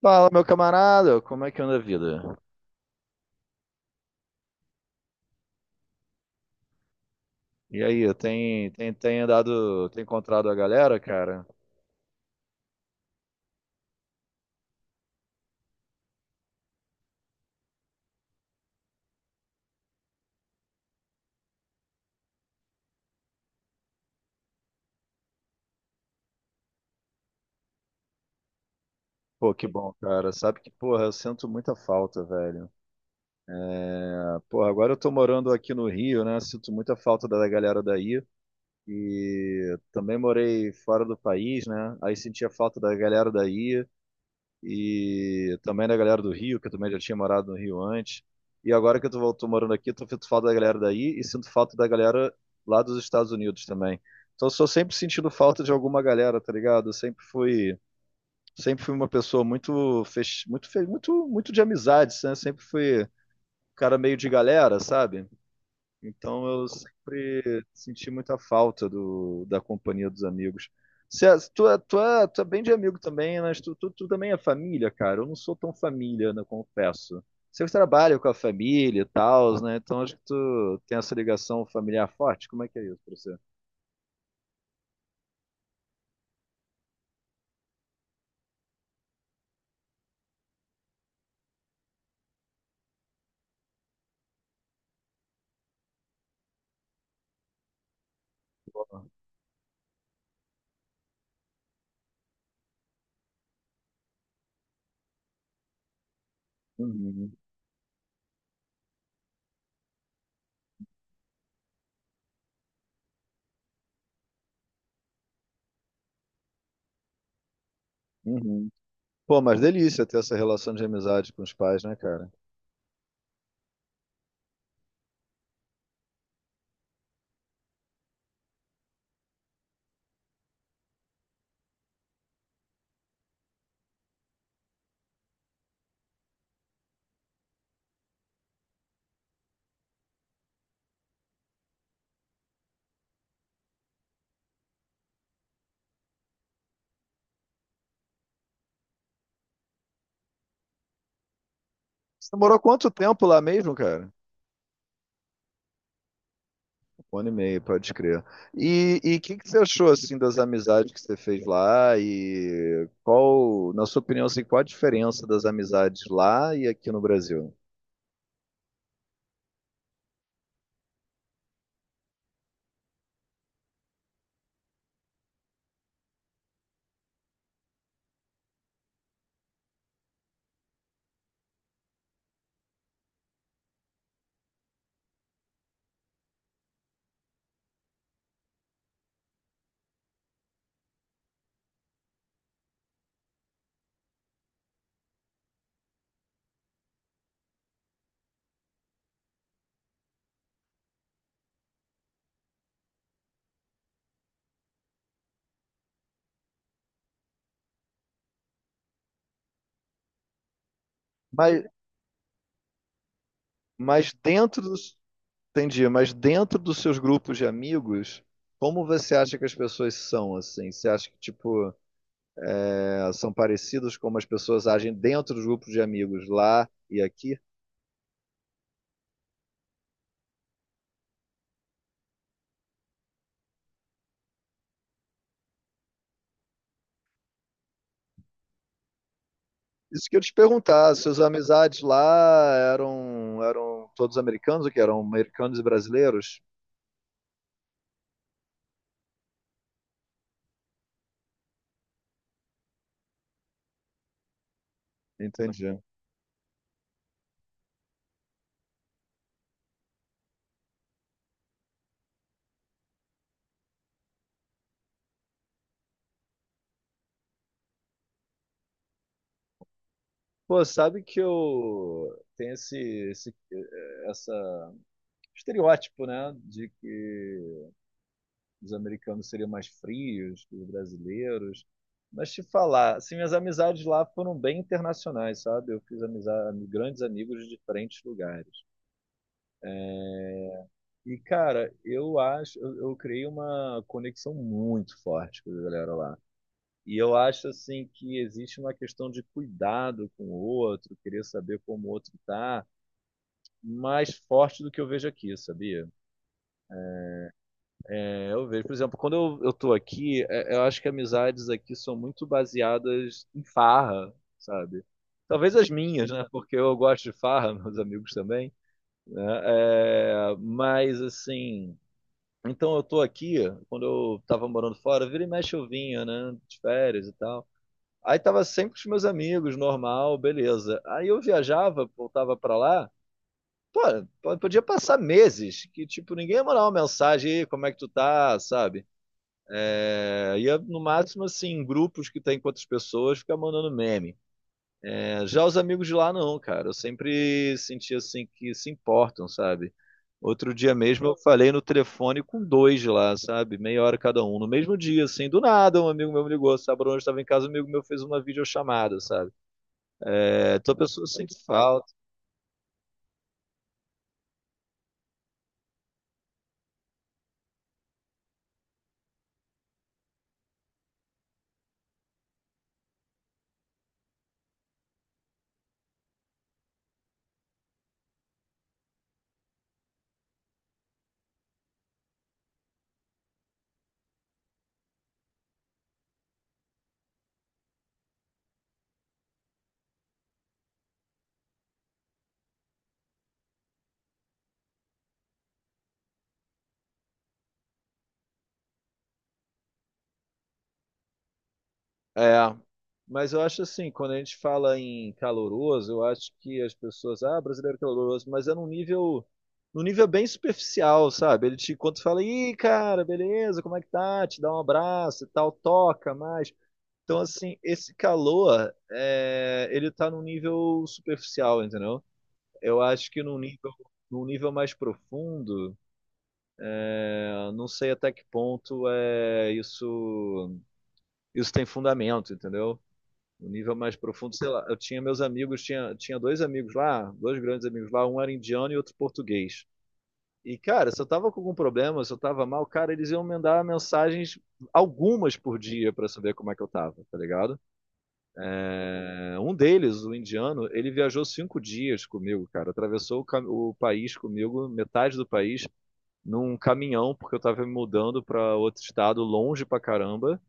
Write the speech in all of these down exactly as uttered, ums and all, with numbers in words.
Fala, meu camarada, como é que anda a vida? E aí, tem, tem, tem andado, tem encontrado a galera, cara? Pô, que bom, cara. Sabe que, porra, eu sinto muita falta, velho. Ah, porra, agora eu tô morando aqui no Rio, né? Sinto muita falta da galera daí. E também morei fora do país, né? Aí sentia falta da galera daí. E também da galera do Rio, que eu também já tinha morado no Rio antes. E agora que eu tô, tô morando aqui, tô sinto falta da galera daí e sinto falta da galera lá dos Estados Unidos também. Então, eu sou sempre sentindo falta de alguma galera, tá ligado? Eu sempre fui, sempre fui uma pessoa muito, fech... muito, fe- muito, muito de amizades, né? Sempre fui um cara meio de galera, sabe? Então eu sempre senti muita falta do, da companhia dos amigos. César, tu, é- tu, é, tu é bem de amigo também, mas tu, tu, tu também é família, cara. Eu não sou tão família, né, confesso. Você trabalha com a família e tal, né? Então acho que tu tem essa ligação familiar forte. Como é que é isso pra você? Uhum, uhum. Pô, mas delícia ter essa relação de amizade com os pais, né, cara? Você morou quanto tempo lá mesmo, cara? Um ano e meio, pode crer. E o que que você achou assim das amizades que você fez lá e qual, na sua opinião, assim, qual a diferença das amizades lá e aqui no Brasil? Mas, mas dentro dos, entendi, mas dentro dos seus grupos de amigos, como você acha que as pessoas são assim? Você acha que tipo, eh, são parecidos como as pessoas agem dentro dos grupos de amigos lá e aqui? Isso que eu te perguntar, suas amizades lá eram, eram todos americanos ou que eram americanos e brasileiros? Entendi. Pô, sabe que eu tenho esse, esse eh, essa estereótipo, né, de que os americanos seriam mais frios que os brasileiros. Mas te falar, assim, minhas amizades lá foram bem internacionais, sabe? Eu fiz amizade, grandes amigos de diferentes lugares. E, cara, eu acho, eu, eu criei uma conexão muito forte com a galera lá. E eu acho assim que existe uma questão de cuidado com o outro, querer saber como o outro está, mais forte do que eu vejo aqui, sabia? É, eu vejo, por exemplo, quando eu, eu tô aqui, é, eu acho que amizades aqui são muito baseadas em farra, sabe? Talvez as minhas, né? Porque eu gosto de farra, meus amigos também, né? É, mas assim, então eu tô aqui, quando eu tava morando fora, vira e mexe eu vinha, né? De férias e tal. Aí tava sempre com os meus amigos, normal, beleza. Aí eu viajava, voltava pra lá. Pô, po- podia passar meses que, tipo, ninguém ia mandar uma mensagem aí, como é que tu tá, sabe? É, ia, no máximo, assim, em grupos que tem com outras pessoas, ficar mandando meme. É, já os amigos de lá, não, cara. Eu sempre senti, assim, que se importam, sabe? Outro dia mesmo eu falei no telefone com dois de lá, sabe? Meia hora cada um. No mesmo dia, assim, do nada, um amigo meu me ligou, sabe? Bruno, eu estava em casa, um amigo meu fez uma videochamada, sabe? É, tua pessoa sente falta. É, mas eu acho assim, quando a gente fala em caloroso, eu acho que as pessoas, ah, brasileiro é caloroso, mas é num nível, num nível bem superficial, sabe? Ele te, quando tu fala, ih, cara, beleza, como é que tá? Te dá um abraço e tal, toca mais. Então, assim, esse calor, é, ele tá num nível superficial, entendeu? Eu acho que num nível, num nível mais profundo, eu não sei até que ponto é isso isso tem fundamento, entendeu? No nível mais profundo, sei lá, eu tinha meus amigos, tinha, tinha dois amigos lá, dois grandes amigos lá, um era indiano e outro português. E, cara, se eu tava com algum problema, se eu tava mal, cara, eles iam mandar mensagens, algumas por dia, pra saber como é que eu tava, tá ligado? É, um deles, o indiano, ele viajou cinco dias comigo, cara. Atravessou o, cam- o país comigo, metade do país, num caminhão, porque eu tava me mudando pra outro estado, longe pra caramba.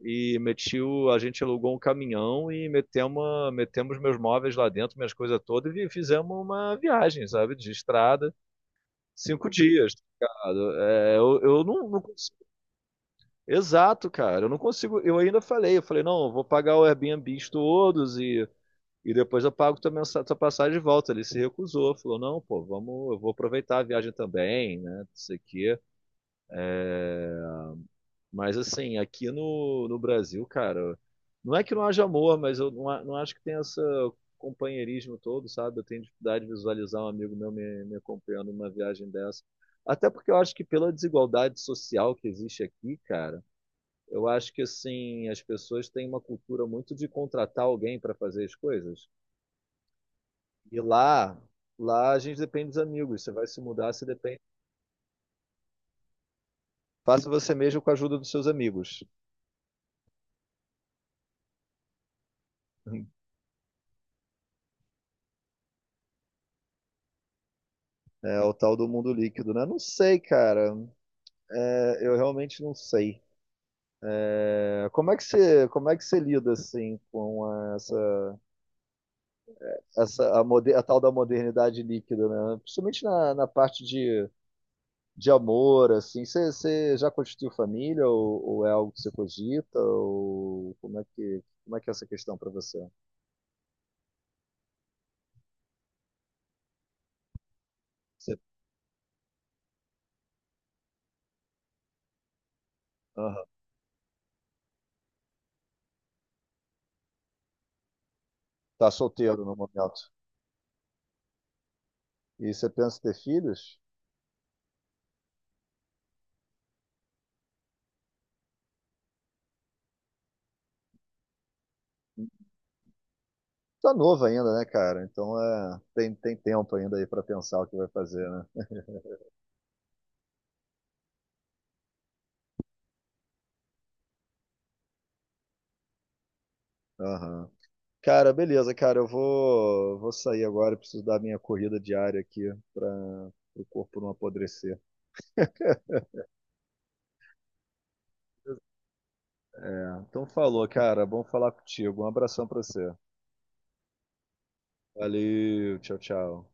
E meti o, a gente alugou um caminhão e metemos, a- metemos meus móveis lá dentro, minhas coisas todas, e fizemos uma viagem, sabe, de estrada, cinco dias, tá ligado? É, eu, eu não, não consigo. Exato, cara, eu não consigo. Eu ainda falei, eu falei, não, eu vou pagar o Airbnb todos e, e depois eu pago também mensa- tua passagem de volta. Ele se recusou, falou, não, pô, vamos, eu vou aproveitar a viagem também, né? Não sei o quê. Mas assim, aqui no, no Brasil, cara, não é que não haja amor, mas eu não, a- não acho que tenha esse companheirismo todo, sabe? Eu tenho dificuldade de visualizar um amigo meu me, me acompanhando numa viagem dessa. Até porque eu acho que pela desigualdade social que existe aqui, cara, eu acho que assim, as pessoas têm uma cultura muito de contratar alguém para fazer as coisas. E lá, lá a gente depende dos amigos. Você vai se mudar, você depende. Faça você mesmo com a ajuda dos seus amigos. É o tal do mundo líquido, né? Não sei, cara. É, eu realmente não sei. É, como é que você, como é que você lida assim com essa, essa a, moder, a tal da modernidade líquida, né? Principalmente na, na parte de, de amor, assim. Você, você já constituiu família ou, ou é algo que você cogita? Ou como é que como é que é essa questão para você? Você está solteiro no momento e você pensa em ter filhos? Tá novo ainda, né, cara? Então é, tem, tem tempo ainda aí para pensar o que vai fazer, né? Aham. Cara, beleza, cara. Eu vou, vou sair agora. Preciso dar minha corrida diária aqui para o corpo não apodrecer. É, Então, falou, cara. Bom falar contigo. Um abração pra você. Valeu, tchau, tchau.